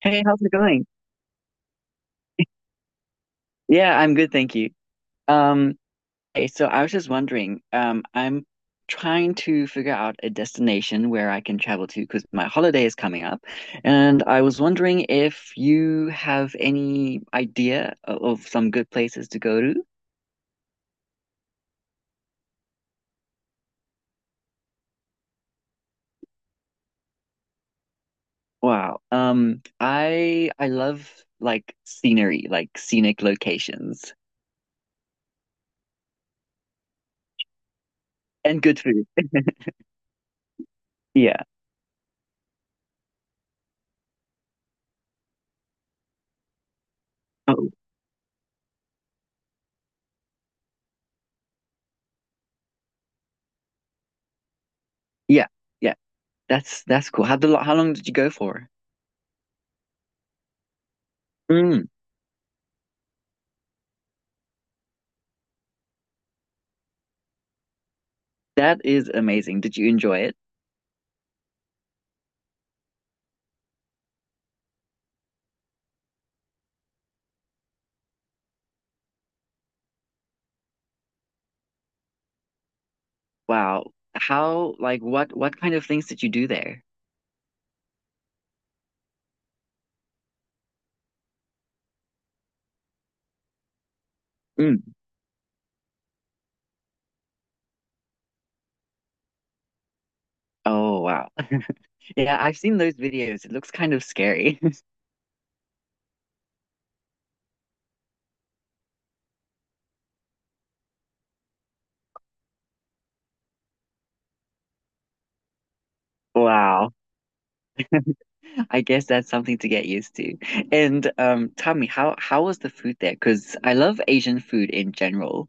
Hey, how's it going? Yeah, I'm good, thank you. Um, hey, so I was just wondering, I'm trying to figure out a destination where I can travel to because my holiday is coming up, and I was wondering if you have any idea of some good places to go to. Wow. I love like scenery, like scenic locations and good food. Yeah. Oh, yeah, yeah. That's cool. How how long did you go for? That is amazing. Did you enjoy it? Wow. How, like, what kind of things did you do there? Mm. Oh, wow. Yeah, I've seen those videos. It looks kind of scary. Wow. I guess that's something to get used to. And tell me, how was the food there? Because I love Asian food in general.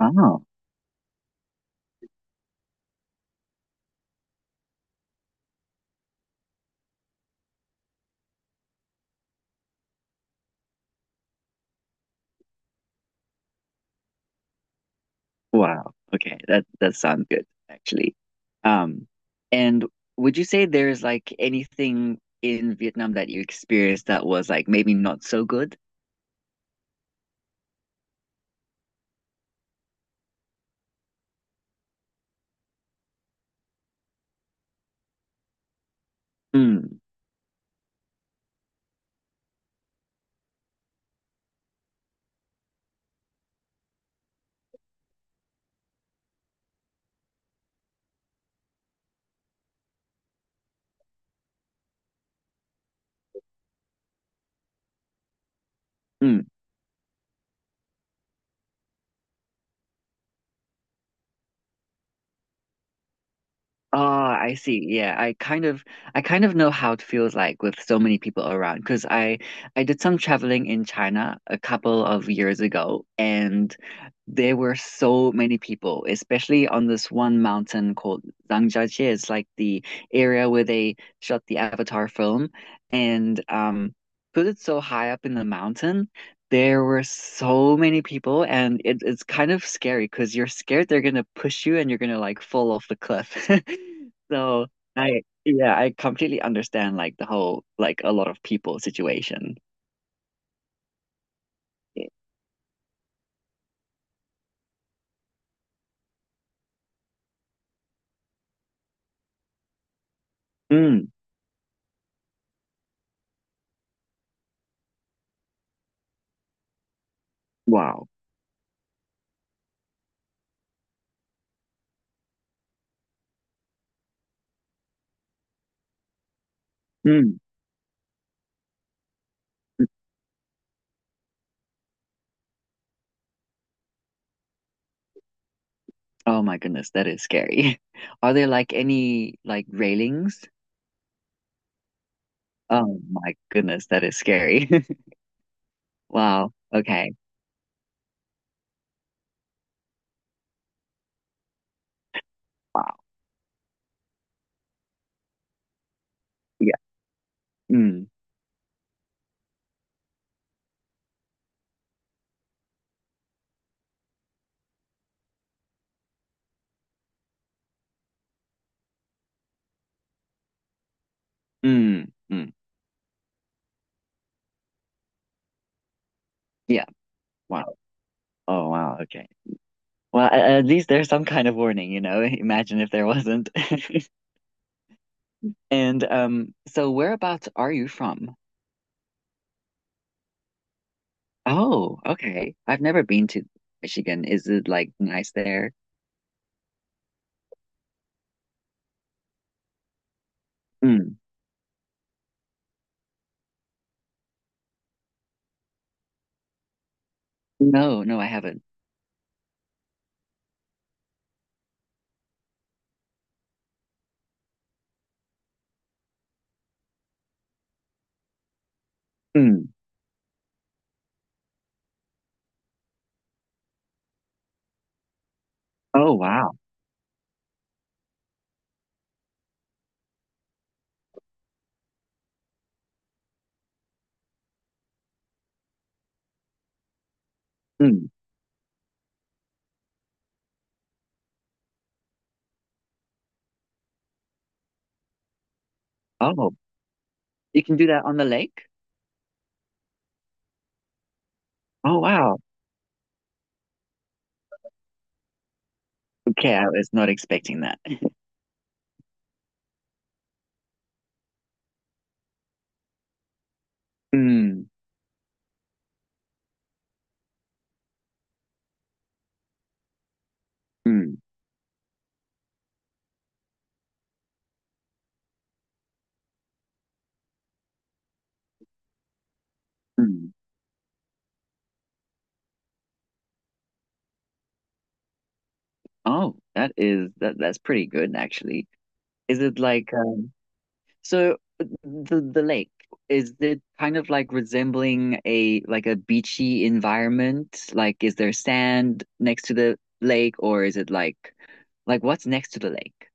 Oh, wow. Okay, that sounds good actually. Um, and would you say there's like anything in Vietnam that you experienced that was like maybe not so good? Mm. Ah, I see. Yeah, I kind of know how it feels like with so many people around because I did some traveling in China a couple of years ago and there were so many people, especially on this one mountain called Zhangjiajie. It's like the area where they shot the Avatar film, and because it's so high up in the mountain, there were so many people, and it's kind of scary because you're scared they're gonna push you and you're gonna like fall off the cliff. So yeah, I completely understand like the whole like a lot of people situation. Mm, wow. Mm, oh my goodness, that is scary. Are there like any like railings? Oh my goodness, that is scary. Wow. Okay. Wow. Yeah. Mm, mm, mm. Yeah. Wow. Oh wow. Okay. Well, at least there's some kind of warning. Imagine if there wasn't. And so whereabouts are you from? Oh, okay. I've never been to Michigan. Is it like nice there? Mm. No, no, I haven't. Mm. Oh, wow. Mm. Oh, you can do that on the lake? Oh, wow. Okay, I was not expecting that. Mm. Mm. Mm. Oh, that's pretty good actually. Is it like So the lake, is it kind of like resembling a like a beachy environment? Like is there sand next to the lake or is it like what's next to the lake?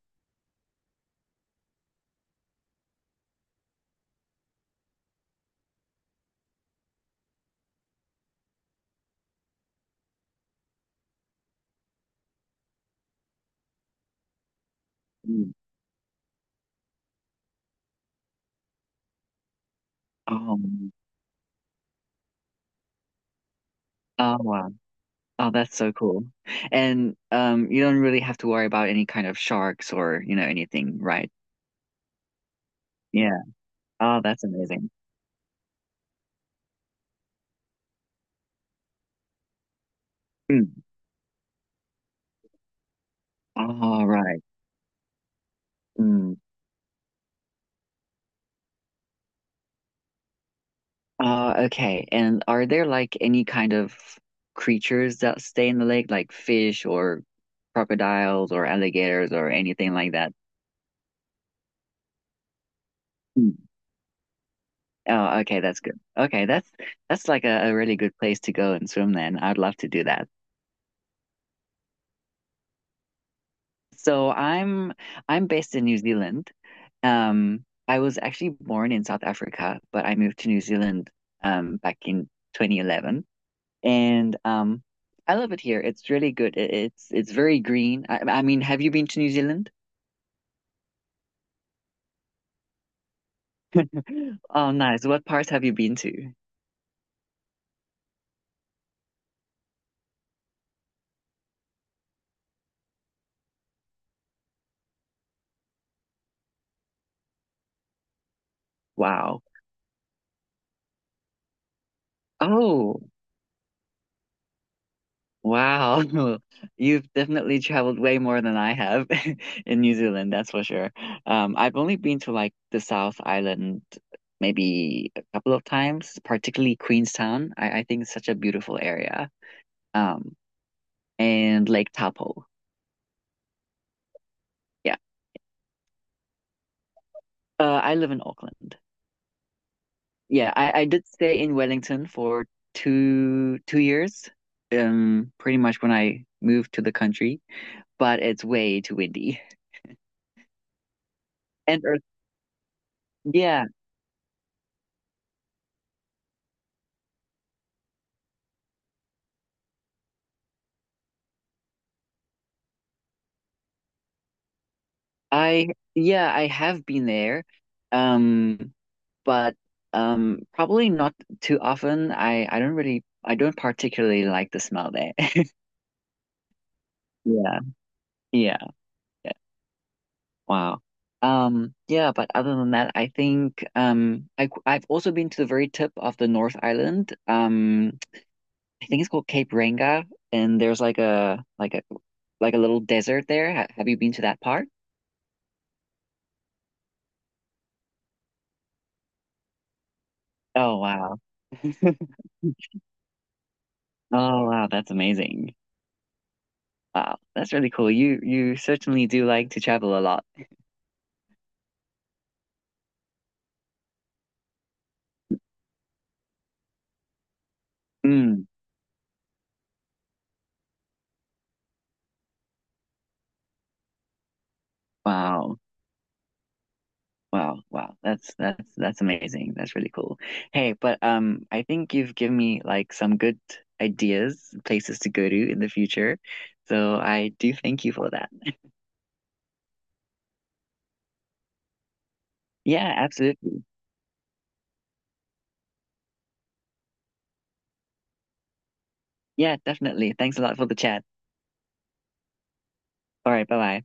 Mm. Oh, oh wow. Oh, that's so cool. And you don't really have to worry about any kind of sharks or anything, right? Yeah. Oh, that's amazing. Mm. All right. Mm. Okay. And are there like any kind of creatures that stay in the lake, like fish or crocodiles or alligators or anything like that? Mm. Oh, okay, that's good. Okay, that's like a really good place to go and swim then. I'd love to do that. So I'm based in New Zealand. I was actually born in South Africa, but I moved to New Zealand back in 2011. And I love it here. It's really good. It's very green. I mean, have you been to New Zealand? Oh, nice. What parts have you been to? Wow. Oh, wow. You've definitely traveled way more than I have in New Zealand, that's for sure. I've only been to like the South Island maybe a couple of times, particularly Queenstown. I think it's such a beautiful area. Um, and Lake Taupo. Yeah. I live in Auckland. Yeah, I did stay in Wellington for two years, pretty much when I moved to the country, but it's way too windy. And earth, yeah, I yeah, I have been there, um, but probably not too often. I don't really I don't particularly like the smell there. Yeah, yeah, yeah. Wow. Yeah, but other than that, I think I've also been to the very tip of the North Island. I think it's called Cape Ranga, and there's like a little desert there. Ha have you been to that part? Oh wow. Oh wow, that's amazing. Wow, that's really cool. You certainly do like to travel a lot. Mm, wow. Wow, wow. That's amazing. That's really cool. Hey, but I think you've given me like some good ideas, places to go to in the future. So I do thank you for that. Yeah, absolutely. Yeah, definitely. Thanks a lot for the chat. All right, bye-bye.